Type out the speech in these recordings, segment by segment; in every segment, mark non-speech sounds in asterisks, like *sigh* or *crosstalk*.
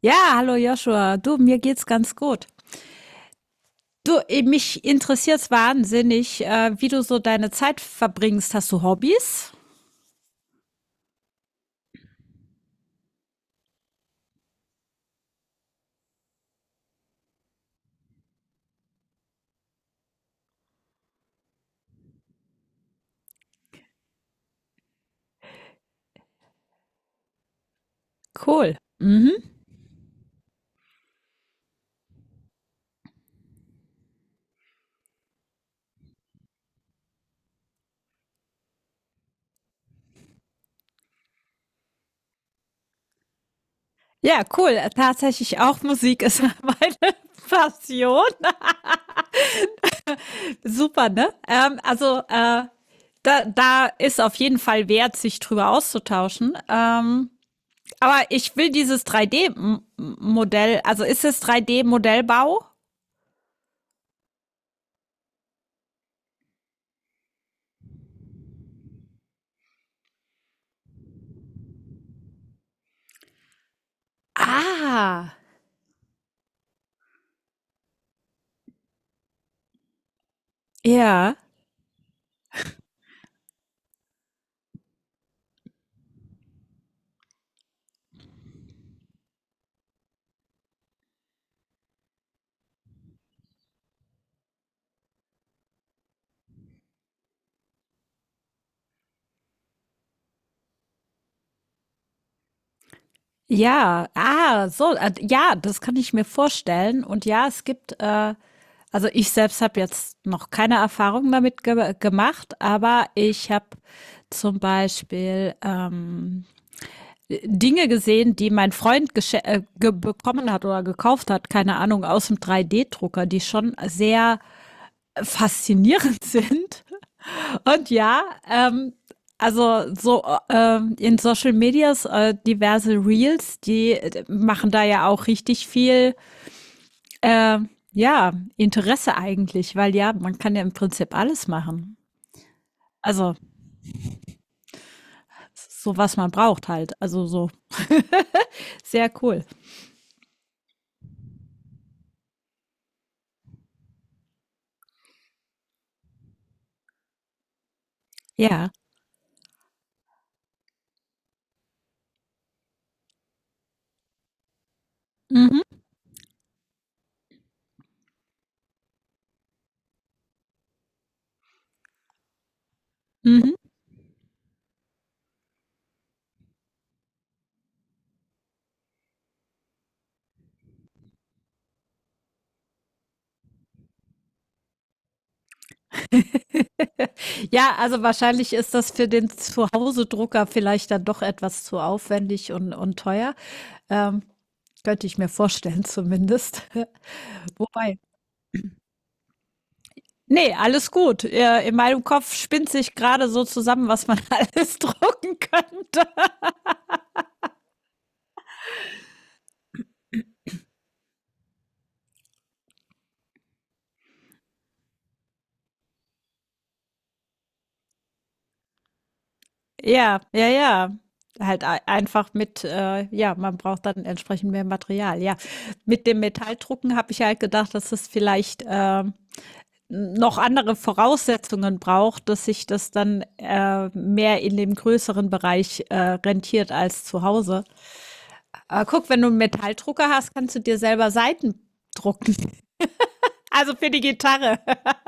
Ja, hallo Joshua. Du, mir geht's ganz gut. Du, eh, mich interessiert's wahnsinnig, wie du so deine Zeit verbringst. Hast du Hobbys? Cool. Mhm. Ja, cool. Tatsächlich auch Musik ist *laughs* meine Passion. Super, ne? Also, da ist auf jeden Fall wert, sich drüber auszutauschen. Aber ich will dieses 3D-Modell, also ist es 3D-Modellbau? Ah, ja. Ja, ah, so, ja, das kann ich mir vorstellen. Und ja, es gibt, also ich selbst habe jetzt noch keine Erfahrung damit ge gemacht, aber ich habe zum Beispiel Dinge gesehen, die mein Freund gesche- ge bekommen hat oder gekauft hat, keine Ahnung, aus dem 3D-Drucker, die schon sehr faszinierend *laughs* sind. Und ja, also so in Social Medias diverse Reels, die machen da ja auch richtig viel, äh, ja, Interesse eigentlich, weil ja, man kann ja im Prinzip alles machen. Also so was man braucht halt. Also so *laughs* sehr cool. Ja. Mhm. Mhm. Ja, also wahrscheinlich ist das für den Zuhause-Drucker vielleicht dann doch etwas zu aufwendig und teuer. Ähm, Könnte ich mir vorstellen zumindest. *laughs* Wobei, ne, alles gut. In meinem Kopf spinnt sich gerade so zusammen, was man *laughs* alles drucken könnte. Ja, ja, ja. Halt ei einfach mit, ja, man braucht dann entsprechend mehr Material, ja. Mit dem Metalldrucken habe ich halt gedacht, dass es vielleicht, noch andere Voraussetzungen braucht, dass sich das dann, mehr in dem größeren Bereich, rentiert als zu Hause. Guck, wenn du 'n Metalldrucker hast, kannst du dir selber Saiten drucken. *laughs* Also, für die Gitarre. *laughs*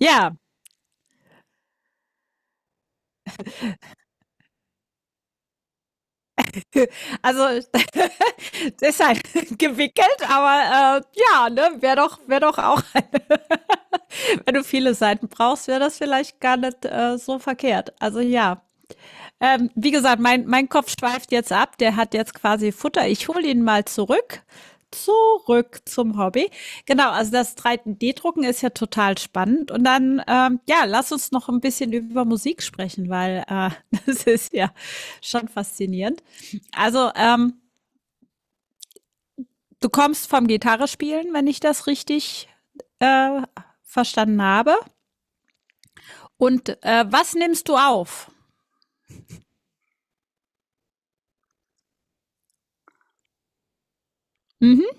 Ja. Also, *laughs* deshalb *laughs* gewickelt, aber, ja, ne, wäre doch auch *laughs* eine, wenn du viele Seiten brauchst, wäre das vielleicht gar nicht, so verkehrt. Also, ja. Wie gesagt, mein Kopf schweift jetzt ab. Der hat jetzt quasi Futter. Ich hole ihn mal zurück. Zurück zum Hobby. Genau, also das 3D-Drucken ist ja total spannend. Und dann, ja, lass uns noch ein bisschen über Musik sprechen, weil, *laughs* das ist ja schon faszinierend. Also. Du kommst vom Gitarrespielen, wenn ich das richtig äh, verstanden habe. Und was nimmst du auf? Mhm.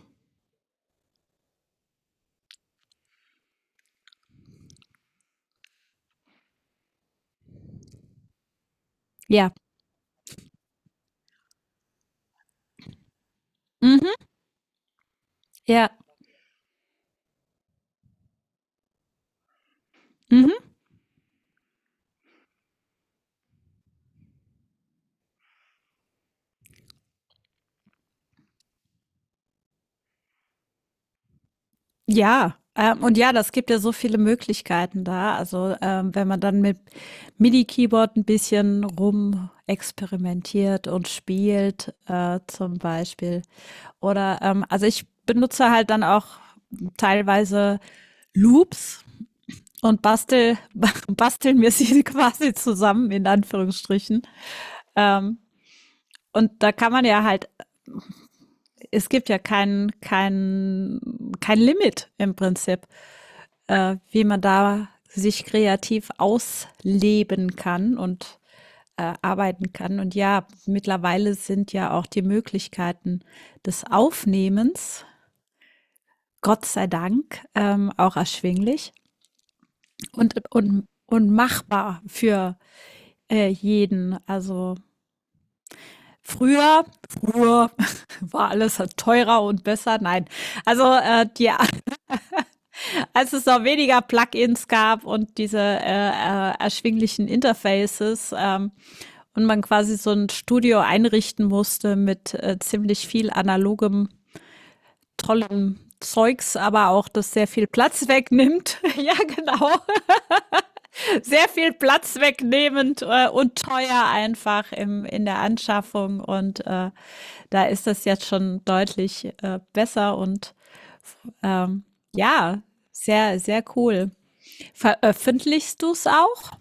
Ja. Mhm. Ja. Mhm. Ja. Und ja, das gibt ja so viele Möglichkeiten da. Also wenn man dann mit MIDI-Keyboard ein bisschen rumexperimentiert und spielt, zum Beispiel. Oder also ich benutze halt dann auch teilweise Loops und bastel, *laughs* basteln wir sie *laughs* quasi zusammen, in Anführungsstrichen. Ähm, und da kann man ja halt, es gibt ja kein Limit im Prinzip, wie man da sich kreativ ausleben kann und arbeiten kann. Und ja, mittlerweile sind ja auch die Möglichkeiten des Aufnehmens, Gott sei Dank, auch erschwinglich und machbar für jeden. Also, früher, früher *laughs* war alles halt teurer und besser. Nein, also die, *laughs* als es noch weniger Plugins gab und diese erschwinglichen Interfaces, und man quasi so ein Studio einrichten musste mit ziemlich viel analogem, tollem Zeugs, aber auch das sehr viel Platz wegnimmt. *laughs* Ja, genau. Sehr viel Platz wegnehmend, und teuer einfach in der Anschaffung. Und da ist das jetzt schon deutlich besser und ähm, ja, sehr, sehr cool. Veröffentlichst du es auch?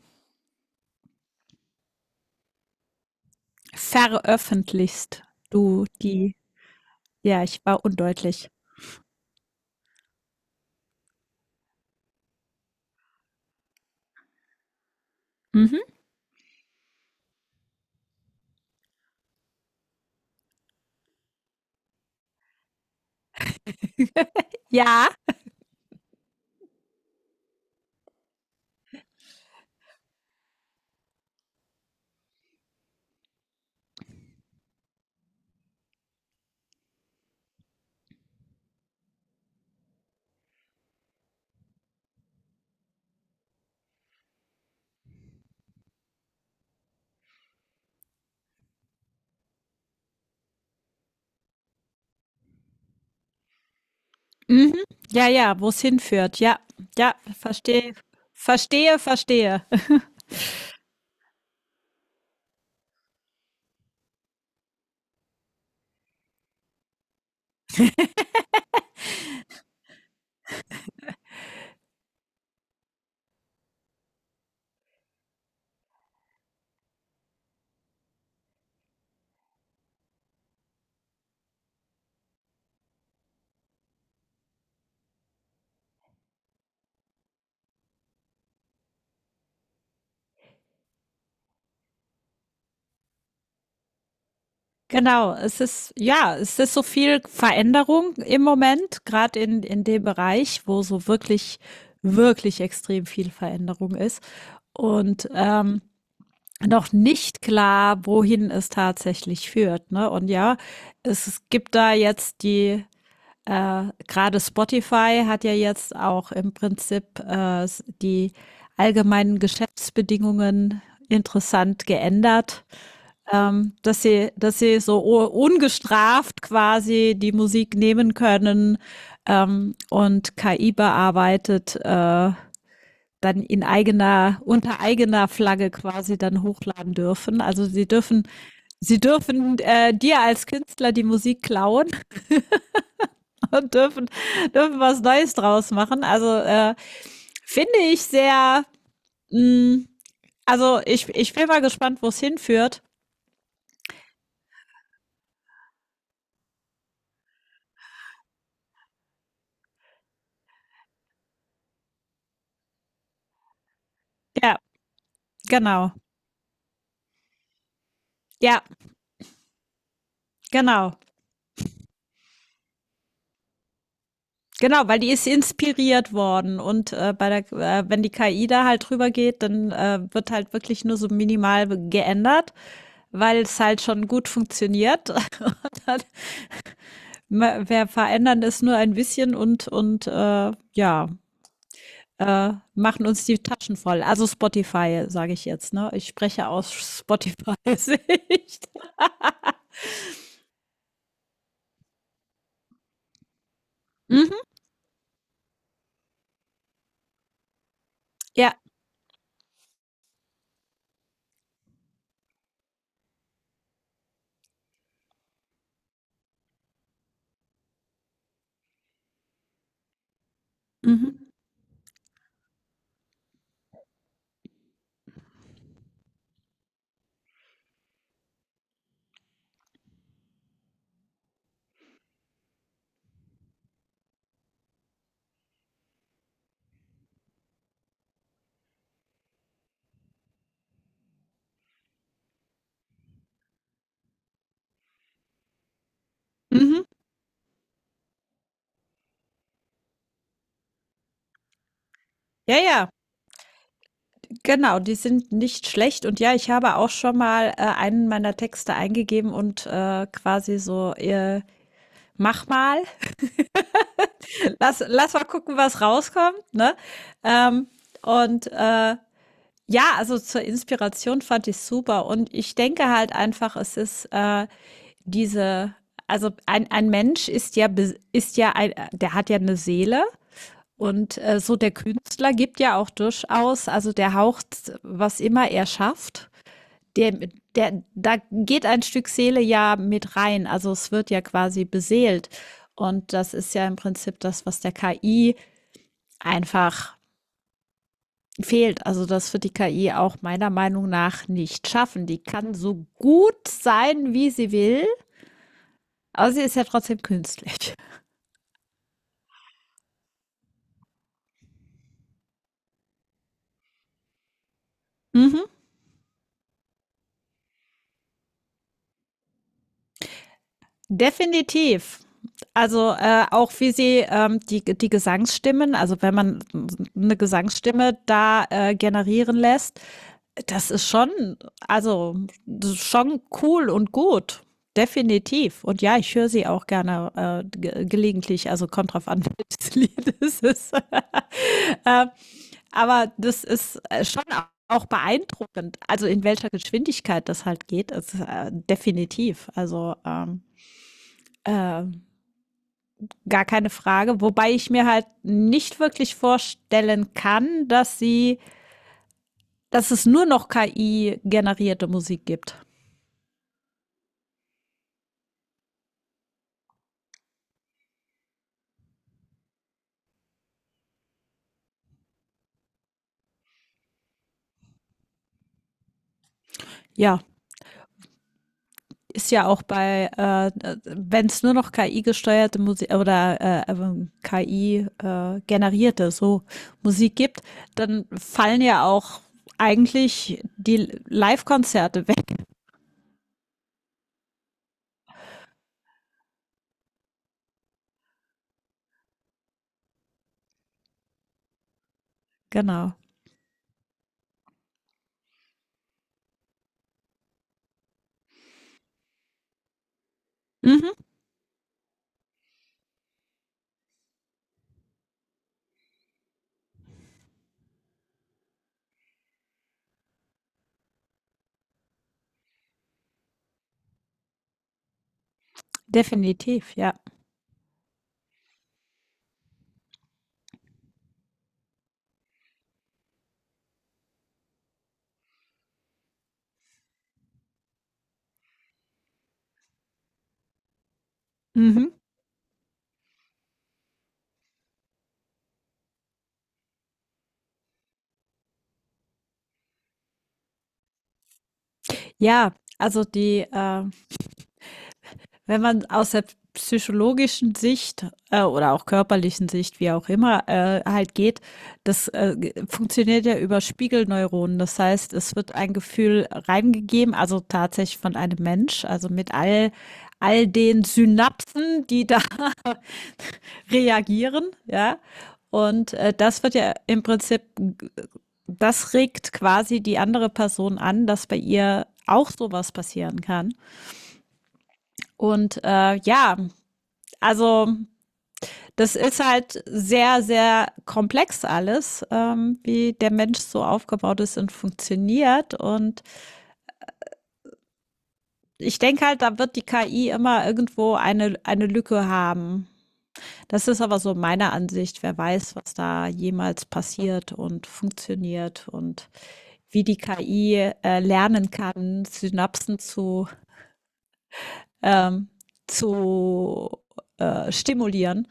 Veröffentlichst du die? Ja, ich war undeutlich. Mhm. Ja, mhm. Ja, ja, wo es hinführt. Ja, ja, verstehe, verstehe, verstehe. Genau, es ist ja, es ist so viel Veränderung im Moment, gerade in dem Bereich, wo so wirklich, wirklich extrem viel Veränderung ist und, noch nicht klar, wohin es tatsächlich führt, ne? Und ja, es gibt da jetzt die, gerade Spotify hat ja jetzt auch im Prinzip, die allgemeinen Geschäftsbedingungen interessant geändert, dass sie so ungestraft quasi die Musik nehmen können, und KI bearbeitet, dann in eigener, unter eigener Flagge quasi dann hochladen dürfen. Also sie dürfen, dir als Künstler die Musik klauen *laughs* und dürfen was Neues draus machen. Also finde ich sehr, mh, also ich bin mal gespannt, wo es hinführt. Ja, genau. Ja, genau. Genau, weil die ist inspiriert worden, und, bei der, wenn die KI da halt drüber geht, dann, wird halt wirklich nur so minimal geändert, weil es halt schon gut funktioniert. *laughs* Und dann, ma wir verändern es nur ein bisschen und, ja, machen uns die Taschen voll. Also, Spotify, sage ich jetzt, ne? Ich spreche aus Spotify-Sicht. *laughs* Mhm, ja. Mhm, mhm. Ja, ja. Genau, die sind nicht schlecht. Und ja, ich habe auch schon mal, einen meiner Texte eingegeben und, quasi so, „Mach mal, *laughs* lass mal gucken, was rauskommt", ne? Ähm, und, ja, also zur Inspiration fand ich super. Und ich denke halt einfach, es ist, diese, also ein Mensch ist ja, bes ist ja ein, der hat ja eine Seele und, so der Künstler gibt ja auch durchaus, also der haucht, was immer er schafft, Der, der, da geht ein Stück Seele ja mit rein. Also es wird ja quasi beseelt. Und das ist ja im Prinzip das, was der KI einfach fehlt. Also das wird die KI auch meiner Meinung nach nicht schaffen. Die kann so gut sein, wie sie will, aber sie ist ja trotzdem künstlich. Mhm. Definitiv. Also, auch wie sie, die Gesangsstimmen, also, wenn man eine Gesangsstimme da, generieren lässt, das ist schon also, das ist schon cool und gut, definitiv. Und ja, ich höre sie auch gerne, ge gelegentlich, also, kommt drauf an, *laughs* welches Lied es ist. Aber das ist, schon auch beeindruckend, also, in welcher Geschwindigkeit das halt geht, ist, definitiv. Also, ähm, äh, Gar keine Frage, wobei ich mir halt nicht wirklich vorstellen kann, dass es nur noch KI-generierte Musik gibt. Ja, ist ja auch bei, wenn es nur noch KI-gesteuerte Musik oder KI-generierte so Musik gibt, dann fallen ja auch eigentlich die Live-Konzerte weg. Genau. Mhm. Definitiv, ja. Mhm. Ja, also die wenn man aus der psychologischen Sicht, oder auch körperlichen Sicht, wie auch immer, halt geht, das, funktioniert ja über Spiegelneuronen. Das heißt, es wird ein Gefühl reingegeben, also tatsächlich von einem Mensch, also mit all den Synapsen, die da *laughs* reagieren, ja. Und das wird ja im Prinzip, das regt quasi die andere Person an, dass bei ihr auch sowas passieren kann. Und ja, also das ist halt sehr, sehr komplex alles, wie der Mensch so aufgebaut ist und funktioniert. Und ich denke halt, da wird die KI immer irgendwo eine Lücke haben. Das ist aber so meine Ansicht. Wer weiß, was da jemals passiert und funktioniert und wie die KI, lernen kann, Synapsen ähm, zu stimulieren.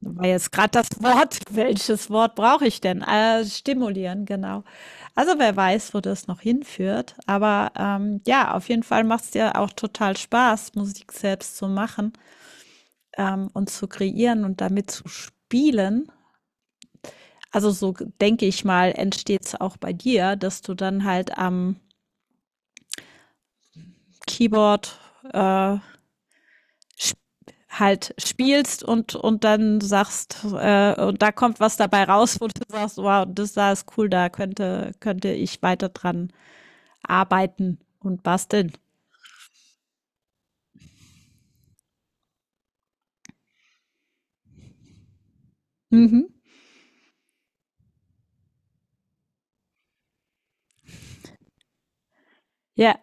War jetzt gerade das Wort. *laughs* Welches Wort brauche ich denn? Stimulieren, genau. Also, wer weiß, wo das noch hinführt. Aber, ja, auf jeden Fall macht's dir auch total Spaß, Musik selbst zu machen, und zu kreieren und damit zu spielen. Also, so denke ich mal, entsteht's auch bei dir, dass du dann halt am Keyboard, äh, sp halt spielst und dann sagst, und da kommt was dabei raus, wo du sagst, wow, das da ist cool, da könnte ich weiter dran arbeiten und basteln. Mhm. Ja,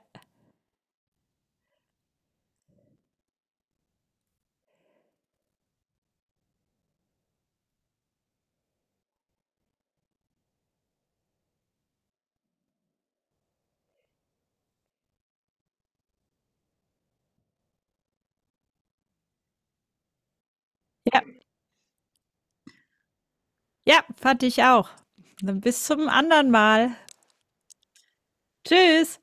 ja, ja, fand ich auch. Dann bis zum anderen Mal. Tschüss.